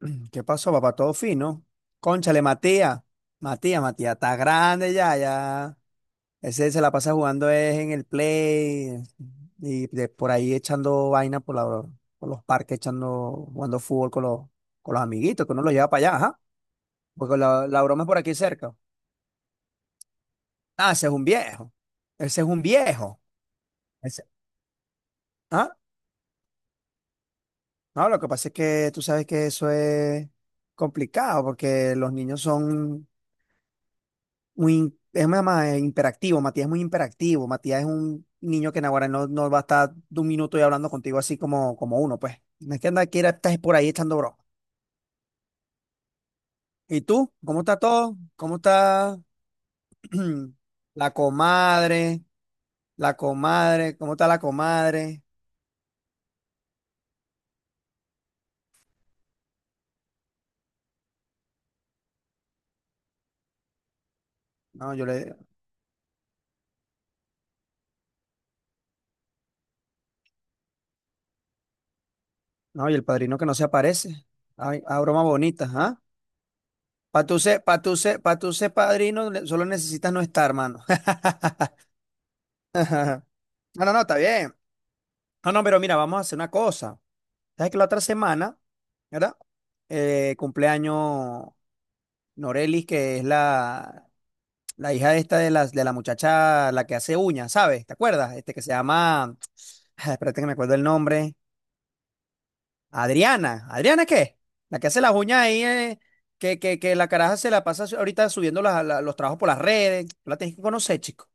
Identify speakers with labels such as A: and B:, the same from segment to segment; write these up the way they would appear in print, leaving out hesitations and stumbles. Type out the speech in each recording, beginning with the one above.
A: ¿Qué pasó, papá? Todo fino. Cónchale, Matías. Matías, está grande ya, ya. Ese se la pasa jugando es en el play y de por ahí echando vaina por los parques, echando, jugando fútbol con los amiguitos, que uno los lleva para allá, ajá. Porque la broma es por aquí cerca. Ah, ese es un viejo. Ese es un viejo. Ese- ¿Ah? No, lo que pasa es que tú sabes que eso es complicado porque los niños son muy, es más, imperactivo, Matías es muy imperactivo, Matías es un niño que en ahora no, no va a estar de un minuto y hablando contigo así como, como uno, pues. No es que anda, quiera estás por ahí echando broma. ¿Y tú? ¿Cómo está todo? ¿Cómo está la comadre? La comadre, ¿cómo está la comadre? No, y el padrino que no se aparece. Ay, ah, broma bonita, ¿ah? Para tú ser padrino, solo necesitas no estar, hermano. No, no, no, está bien. No, no, pero mira, vamos a hacer una cosa. Sabes que la otra semana, ¿verdad? Cumpleaños Norelis, que es la hija esta de las de la muchacha, la que hace uñas, ¿sabes? ¿Te acuerdas? Este que se llama, espérate que me acuerdo el nombre. Adriana. ¿Adriana qué? La que hace las uñas ahí, que la caraja se la pasa ahorita subiendo los trabajos por las redes. Tú la tienes que conocer, chico.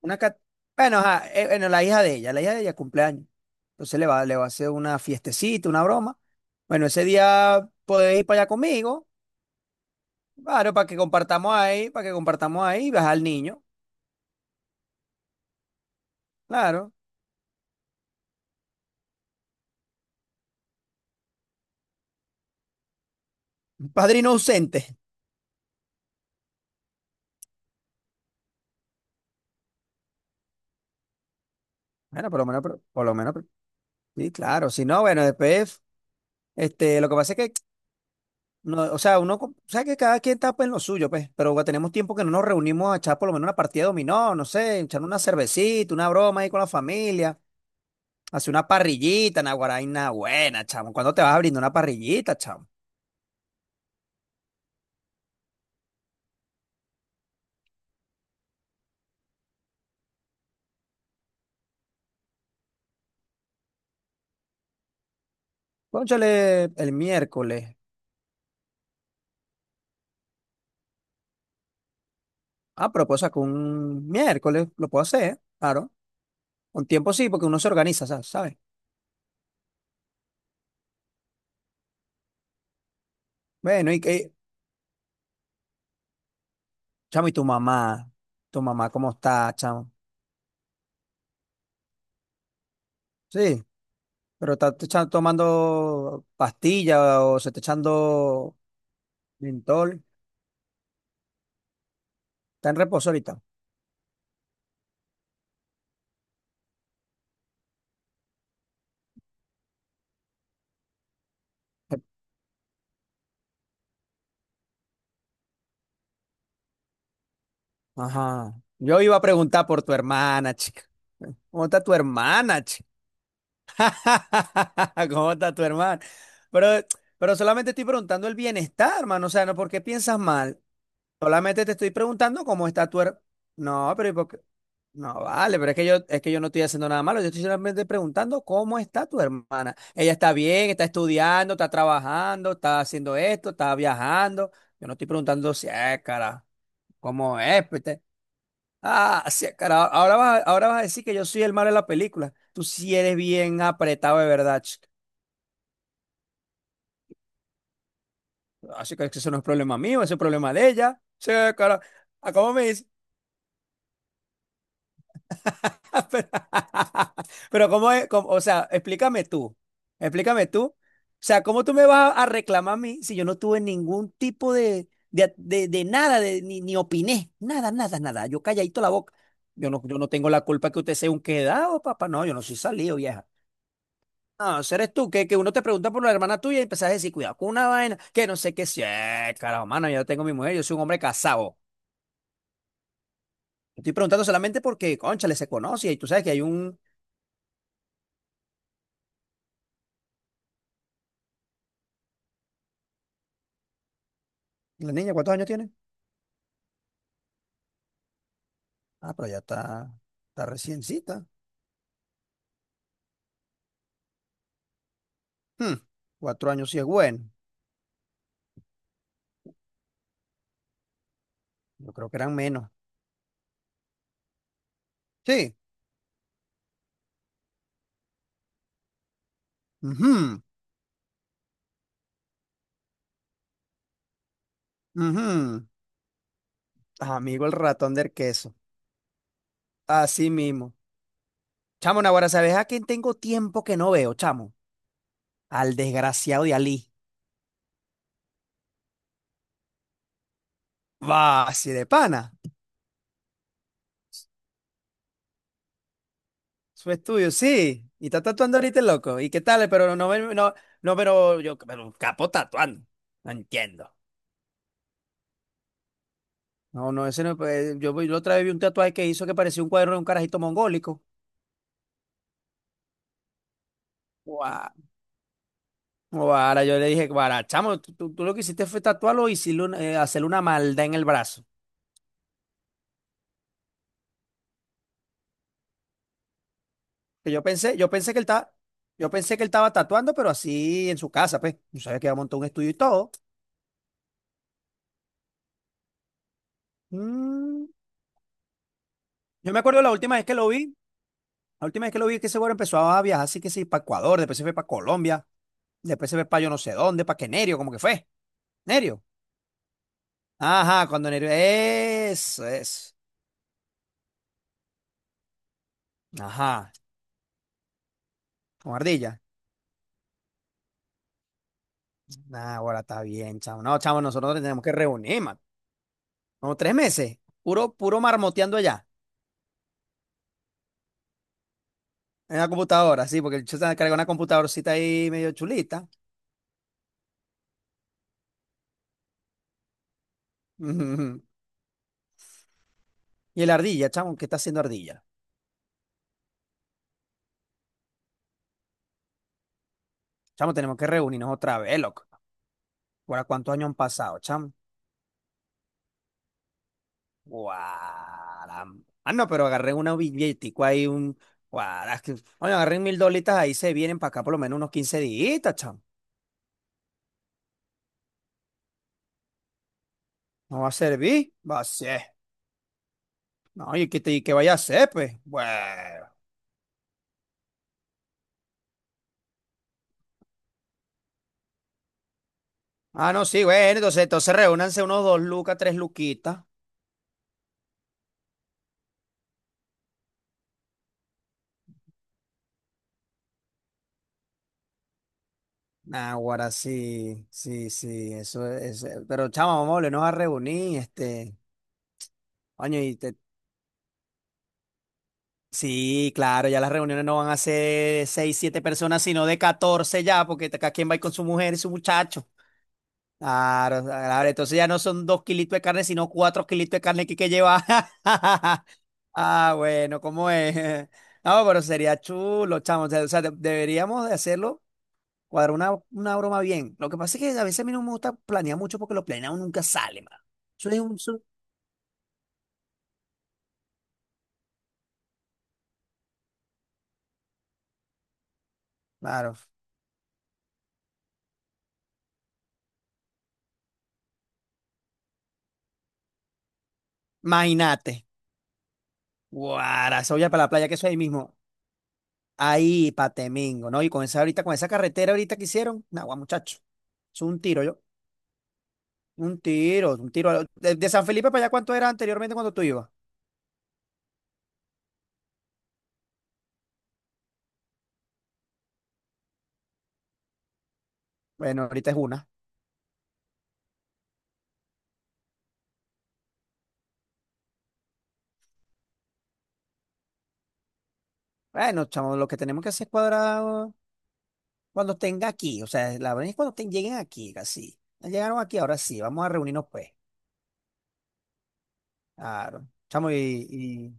A: Una cat- Bueno, ajá, bueno, la hija de ella cumpleaños. Entonces le va a hacer una fiestecita, una broma. Bueno, ese día podéis ir para allá conmigo, claro, para que compartamos ahí y vas al niño, claro. Un padrino ausente. Bueno, por lo menos, por lo menos, sí, claro. Si no, bueno, después, este, lo que pasa es que, no, o sea, uno, o sea, que cada quien está pues, en lo suyo, pues, pero bueno, tenemos tiempo que no nos reunimos a echar por lo menos una partida de dominó, no sé, echar una cervecita, una broma ahí con la familia. Hace una parrillita, naguaraina buena, chamo. ¿Cuándo te vas a brindar una parrillita, chamo? Cónchale, el miércoles. Ah, pero puedo sacar un miércoles, lo puedo hacer, ¿eh? Claro. Con tiempo sí, porque uno se organiza, ¿sabes? Bueno, y que, chamo, ¿y tu mamá? ¿Tu mamá cómo está, chamo? Sí, pero está tomando pastilla o se está echando mentol. Está en reposo ahorita. Ajá. Yo iba a preguntar por tu hermana, chica. ¿Cómo está tu hermana, chica? ¿Cómo está tu hermano? Pero, pero solamente estoy preguntando el bienestar, hermano. O sea, no, ¿por qué piensas mal? Solamente te estoy preguntando cómo está tu hermano. No, pero ¿y por qué? No, vale, pero es que yo no estoy haciendo nada malo. Yo estoy solamente preguntando cómo está tu hermana. Ella está bien, está estudiando, está trabajando, está haciendo esto, está viajando. Yo no estoy preguntando si es, cara, cómo es, pete. Ah, sí, cara, ahora vas, ahora vas a decir que yo soy el malo de la película. Tú sí eres bien apretado de verdad. Así que eso no es problema mío, ese es problema de ella. Sí, cara. Ah, ¿cómo me dice? Pero, pero ¿cómo es? ¿O sea, explícame tú. Explícame tú. O sea, ¿cómo tú me vas a reclamar a mí si yo no tuve ningún tipo de nada, ni opiné? Nada, nada, nada. Yo calladito la boca. Yo no, yo no tengo la culpa que usted sea un quedado, papá. No, yo no soy salido, vieja. No, ese eres tú, que uno te pregunta por la hermana tuya y empezás a decir, cuidado con una vaina, que no sé qué sea. Carajo, mano, yo tengo mi mujer, yo soy un hombre casado. Estoy preguntando solamente porque, cónchale, se conoce y tú sabes que hay un... ¿La niña cuántos años tiene? Ah, pero ya está, está reciencita. Hmm, 4 años sí es bueno. Yo creo que eran menos. Sí. Ujú, ujú. Amigo el ratón del queso. Así mismo. Chamo, Naguará, ¿sabes a quién tengo tiempo que no veo, chamo? Al desgraciado de Ali. Va, así de pana. Su estudio, sí. Y está tatuando ahorita el loco. ¿Y qué tal? Pero no, no, no, no, pero capo tatuando. No entiendo. No, no, ese no. Pues, yo, la otra vez vi un tatuaje que hizo que parecía un cuadro de un carajito mongólico. Guau. Guara, yo le dije, guara, chamo, tú lo que hiciste fue tatuarlo y hacerle una maldad en el brazo. Que yo pensé, yo pensé que él estaba tatuando, pero así en su casa, pues. Yo sabía que iba a montar un estudio y todo. Mm, yo me acuerdo la última vez que lo vi, la última vez que lo vi es que ese güero empezó a viajar, así que sí, para Ecuador, después se fue para Colombia, después se fue para yo no sé dónde, para que Nerio, como que fue. Nerio. Ajá, cuando Nerio. Eso, eso. Ajá. Con ardilla. Nah, ahora está bien, chavo. No, chavo, nosotros tenemos que reunir, man. Como 3 meses. Puro, puro marmoteando allá. En la computadora, sí, porque el chico se carga una computadorcita ahí medio chulita. Ujú. Y el ardilla, chamo, ¿qué está haciendo ardilla? Chamo, tenemos que reunirnos otra vez, loco. ¿Ahora cuántos años han pasado, chamo? Guara. Ah, no, pero agarré una billetico ahí, un. Guara, oye, agarré 1000 dolitas ahí, se vienen para acá por lo menos unos 15 días, chamo. No va a servir. Va a ser. No, y que, y que vaya a ser, pues. Bueno. Ah, no, sí, bueno, entonces, entonces reúnanse unos 2 lucas, 3 luquitas. Nah, sí, sí, sí, eso es. Pero chama, vamos a volvernos a reunir, este. Coño, y sí, claro, ya las reuniones no van a ser seis, siete personas, sino de 14 ya, porque cada quien va a ir con su mujer y su muchacho. Claro, claro, entonces ya no son 2 kilitos de carne, sino 4 kilitos de carne que hay que llevar. Ah, bueno, ¿cómo es? No, pero sería chulo, chamo. O sea, deberíamos de hacerlo, cuadrar una broma bien. Lo que pasa es que a veces a mí no me gusta planear mucho porque lo planeado nunca sale, mano. Eso es un... eso- Claro. Imagínate. Guara, eso ya para la playa, que eso ahí mismo. Ahí, pa' Temengo, ¿no? Y con esa ahorita, con esa carretera ahorita que hicieron. Nagua, muchacho. Es un tiro, yo. Un tiro, un tiro. De San Felipe para allá, ¿cuánto era anteriormente cuando tú ibas? Bueno, ahorita es una. Bueno, chamo, lo que tenemos que hacer es cuadrar cuando tenga aquí. O sea, la verdad es cuando lleguen aquí, casi. Ya llegaron aquí, ahora sí, vamos a reunirnos, pues. Claro. Chamo, y-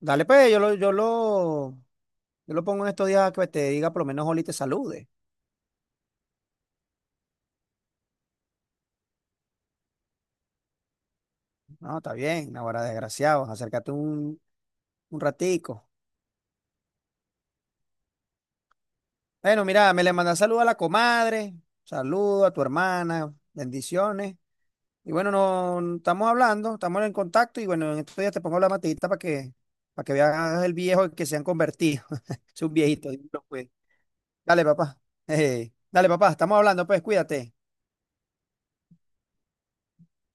A: dale, pues, yo lo pongo en estos días que te diga, por lo menos Oli te salude. No, está bien, ahora desgraciado, acércate un ratico. Bueno, mira, me le manda saludo a la comadre, saludo a tu hermana, bendiciones. Y bueno, no estamos hablando, estamos en contacto y bueno, en estos días te pongo la matita para que veas el viejo que se han convertido. Es un viejito, dímelo, pues. Dale, papá. Dale, papá, estamos hablando, pues cuídate.